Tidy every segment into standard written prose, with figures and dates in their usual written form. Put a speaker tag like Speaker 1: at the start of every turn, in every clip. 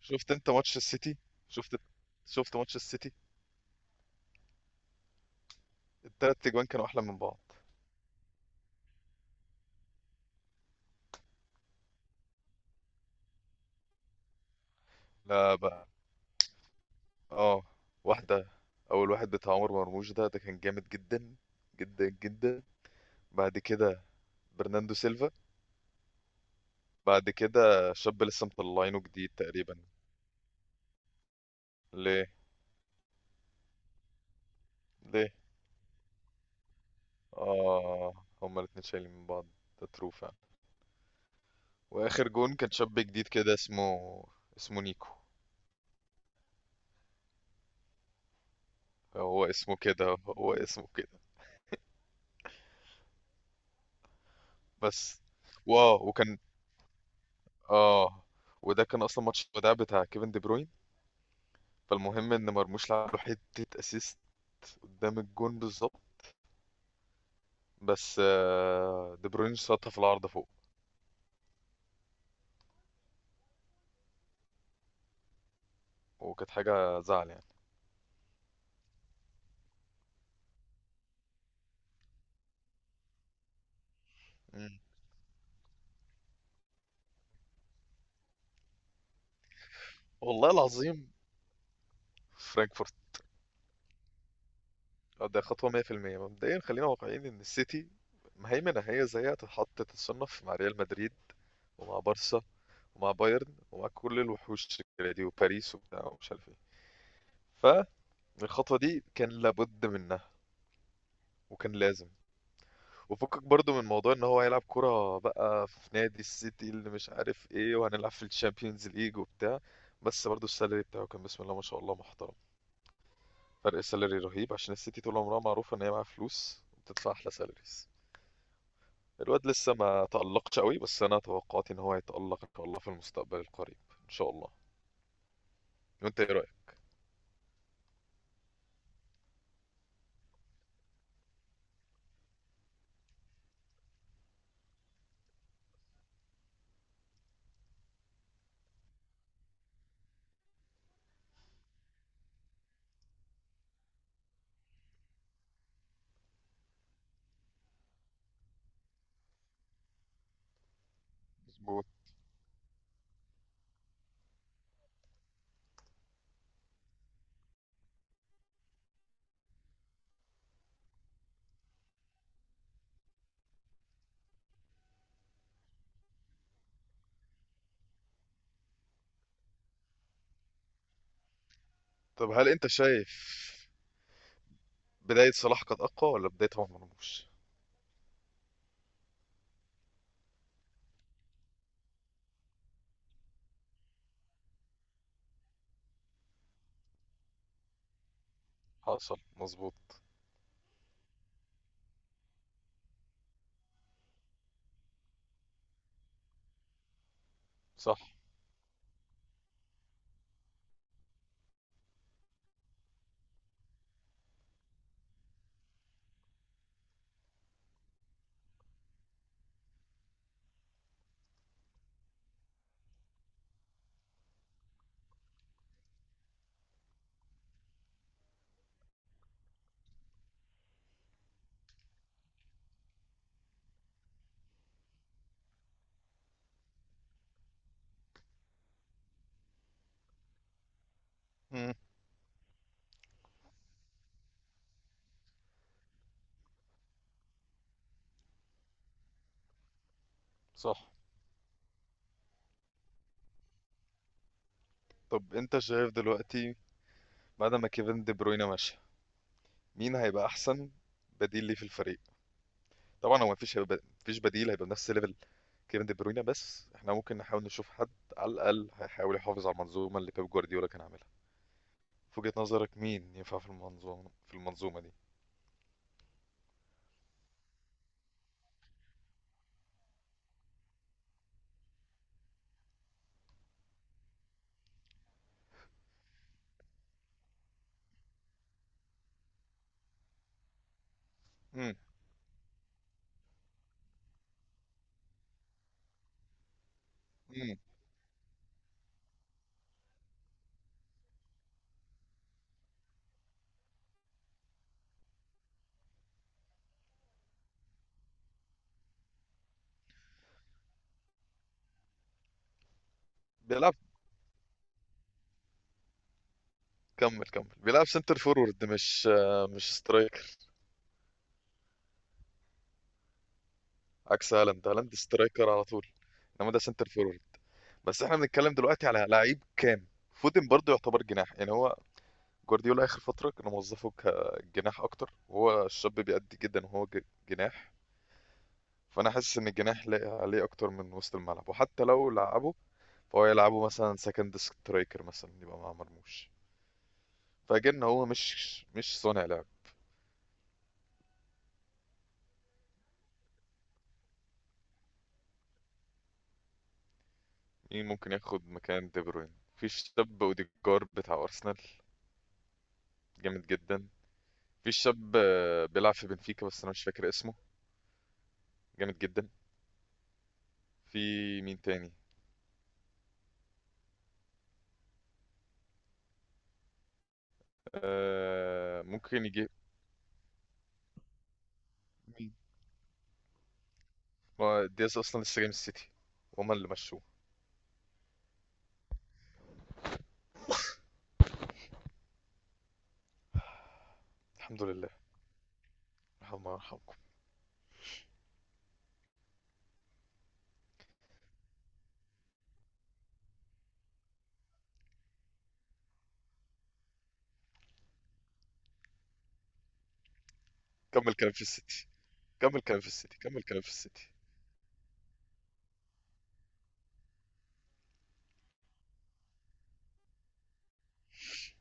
Speaker 1: شفت انت ماتش السيتي؟ شفت شفت ماتش السيتي؟ التلات اجوان كانوا احلى من بعض. لا بقى، اه، واحده، اول واحد بتاع عمر مرموش ده كان جامد جدا، جدا جدا. بعد كده برناندو سيلفا. بعد كده شاب لسه مطلعينه جديد تقريبا. ليه؟ ليه؟ اه، هما الاتنين شايلين من بعض. ده ترو فعلا. واخر جون كان شاب جديد كده، اسمه، اسمه نيكو. هو اسمه كده، هو اسمه كده. بس، واو، وكان، اه، وده كان اصلا ماتش الوداع بتاع كيفن دي بروين. فالمهم ان مرموش لعب له حته اسيست قدام الجون بالظبط، بس دي بروين شاطها في العارضه فوق، وكانت حاجه زعل يعني. مم. والله العظيم، فرانكفورت؟ ده خطوه 100%. مبدئيا خلينا واقعيين ان السيتي مهيمنه، هي زيها تتحط، تتصنف مع ريال مدريد، ومع بارسا، ومع بايرن، ومع كل الوحوش الكبيرة دي، وباريس، وبتاع ومش عارف ايه. فالخطوه دي كان لابد منها وكان لازم، وفكك برضو من موضوع ان هو هيلعب كرة بقى في نادي السيتي اللي مش عارف ايه، وهنلعب في الشامبيونز ليج وبتاع. بس برضو السالري بتاعه كان بسم الله ما شاء الله محترم. فرق السالري رهيب، عشان السيتي طول عمرها معروفة ان هي معاها فلوس وبتدفع احلى سالاريز. الواد لسه ما تألقش قوي، بس انا توقعاتي ان هو هيتألق ان شاء الله في المستقبل القريب. ان شاء الله. وانت ايه رأيك؟ مظبوط. طب هل انت شايف بداية صلاح كانت اقوى ولا بداية عمر مرموش؟ حصل، مظبوط. صح. مم. صح. طب انت شايف دلوقتي، بعد ما كيفن دي بروينا ماشي، مين هيبقى احسن بديل ليه في الفريق؟ طبعا هو مفيش، هيبقى مفيش بديل، هيبقى بنفس ليفل كيفن دي بروينا، بس احنا ممكن نحاول نشوف حد على الاقل هيحاول يحافظ على المنظومه اللي بيب جوارديولا كان عاملها. في وجهة نظرك مين ينفع في المنظومه، في المنظومه دي؟ امم. امم. بيلعب. كمل كمل، بيلعب سنتر فورورد، مش مش سترايكر. عكس هالاند، هالاند سترايكر على طول، انما ده سنتر فورورد. بس احنا بنتكلم دلوقتي على لعيب كام؟ فودن برضه يعتبر جناح، يعني هو جوارديولا اخر فتره كانوا موظفه كجناح اكتر، وهو الشاب بيأدي جدا وهو جناح. فانا حاسس ان الجناح لاقي عليه اكتر من وسط الملعب، وحتى لو لعبه فهو يلعبه مثلا سكند سترايكر مثلا، يبقى مع مرموش، فاجن هو مش صانع لعب. مين ممكن ياخد مكان دي بروين؟ في الشاب اوديجار بتاع ارسنال، جامد جدا. في الشاب بيلعب في بنفيكا بس انا مش فاكر اسمه، جامد جدا. في، مين تاني؟ آه ممكن يجي. ما دياز اصلا لسه جاي من السيتي وهما اللي مشوه. الحمد لله، رحمة يرحمكم. كمل كلام في السيتي، كمل كلام في السيتي، كمل كلام في السيتي.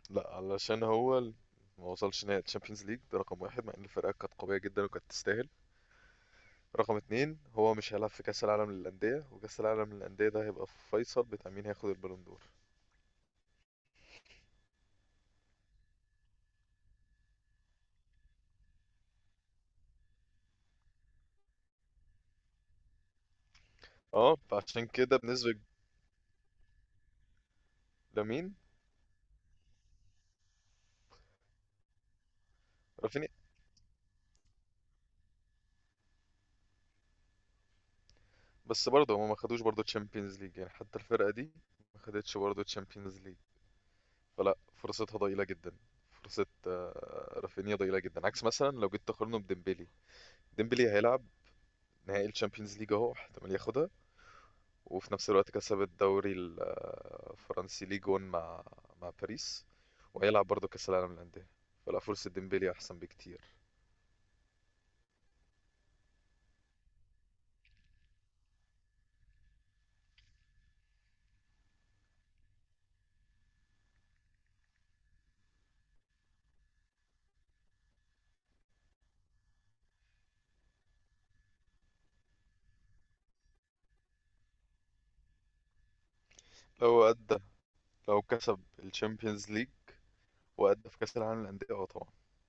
Speaker 1: لا، علشان هو ما وصلش نهائي الشامبيونز ليج، ده رقم واحد، مع ان الفرقه كانت قويه جدا وكانت تستاهل. رقم اتنين، هو مش هيلعب في كاس العالم للانديه، وكاس العالم للانديه ده هيبقى فيصل بتاع مين هياخد البالون دور. اه فعشان كده بنسبه لمين؟ رافينيا؟ بس برضه هما ما خدوش برضه تشامبيونز ليج، يعني حتى الفرقه دي ما خدتش برضه تشامبيونز ليج، فلا فرصتها ضئيلة جدا. فرصة رافينيا ضئيلة جدا، عكس مثلا لو جيت تقارنه بديمبلي. ديمبلي هيلعب نهائي الشامبيونز ليج، اهو احتمال ياخدها، وفي نفس الوقت كسب الدوري الفرنسي ليج 1 مع مع باريس، وهيلعب برضه كأس العالم للأندية، فلا فرصة ديمبلي أحسن بكتير. لو أدى، لو كسب الشامبيونز ليج وأدى في كأس العالم للأندية، اه طبعا،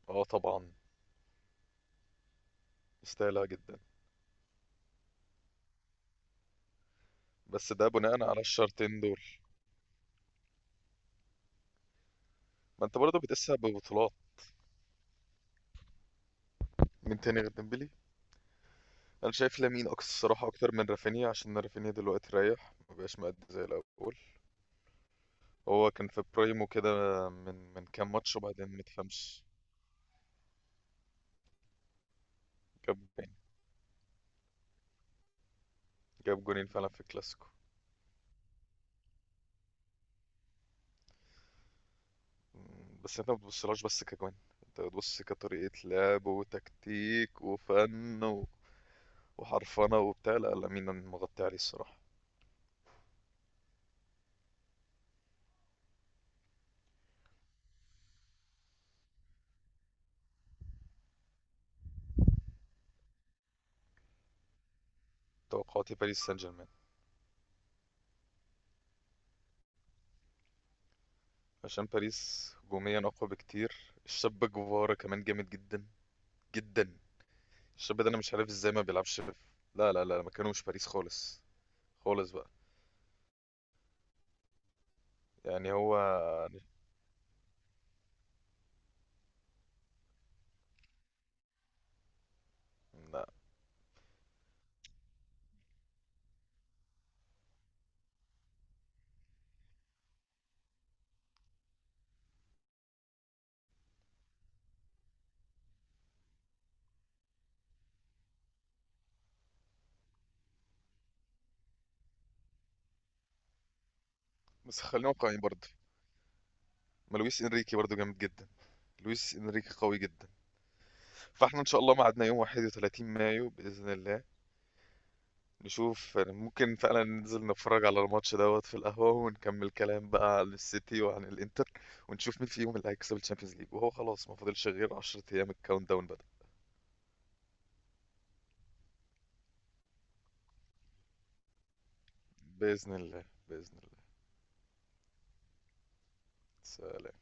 Speaker 1: اه طبعا، يستاهلها جدا. بس ده بناء على الشرطين دول. ما انت برضه بتقيسها ببطولات. مين تاني غير ديمبلي؟ انا شايف لامين اكتر الصراحه، اكتر من رافينيا، عشان رافينيا دلوقتي رايح مبقاش مأدي زي الاول. هو كان في برايمو كده، من كام ماتش، وبعدين متفهمش. جاب جولين. جاب جولين فعلا في الكلاسيكو. مم، بس انت ما بتبصلهاش بس كجوان، انت بتبص كطريقه لعب وتكتيك وفن وحرفنه وبتاع. لا لامين أنا مغطي عليه الصراحه. توقعاتي باريس سان جيرمان. عشان باريس هجوميا اقوى بكتير. الشاب جوفارا كمان جامد جدا، جدا. الشاب ده انا مش عارف ازاي ما بيلعبش في... لا لا لا، مكانه مش باريس خالص، خالص بقى. يعني هو، لا. بس خلينا واقعيين برضه، ما لويس انريكي برضه جامد جدا، لويس انريكي قوي جدا. فاحنا ان شاء الله ميعادنا يوم 31 مايو باذن الله، نشوف يعني، ممكن فعلا ننزل نتفرج على الماتش دوت في القهوة ونكمل كلام بقى عن السيتي وعن الانتر، ونشوف مين فيهم اللي هيكسب الشامبيونز ليج. وهو خلاص ما فاضلش غير 10 ايام، الكاونت داون بدأ. بإذن الله، بإذن الله. سلام.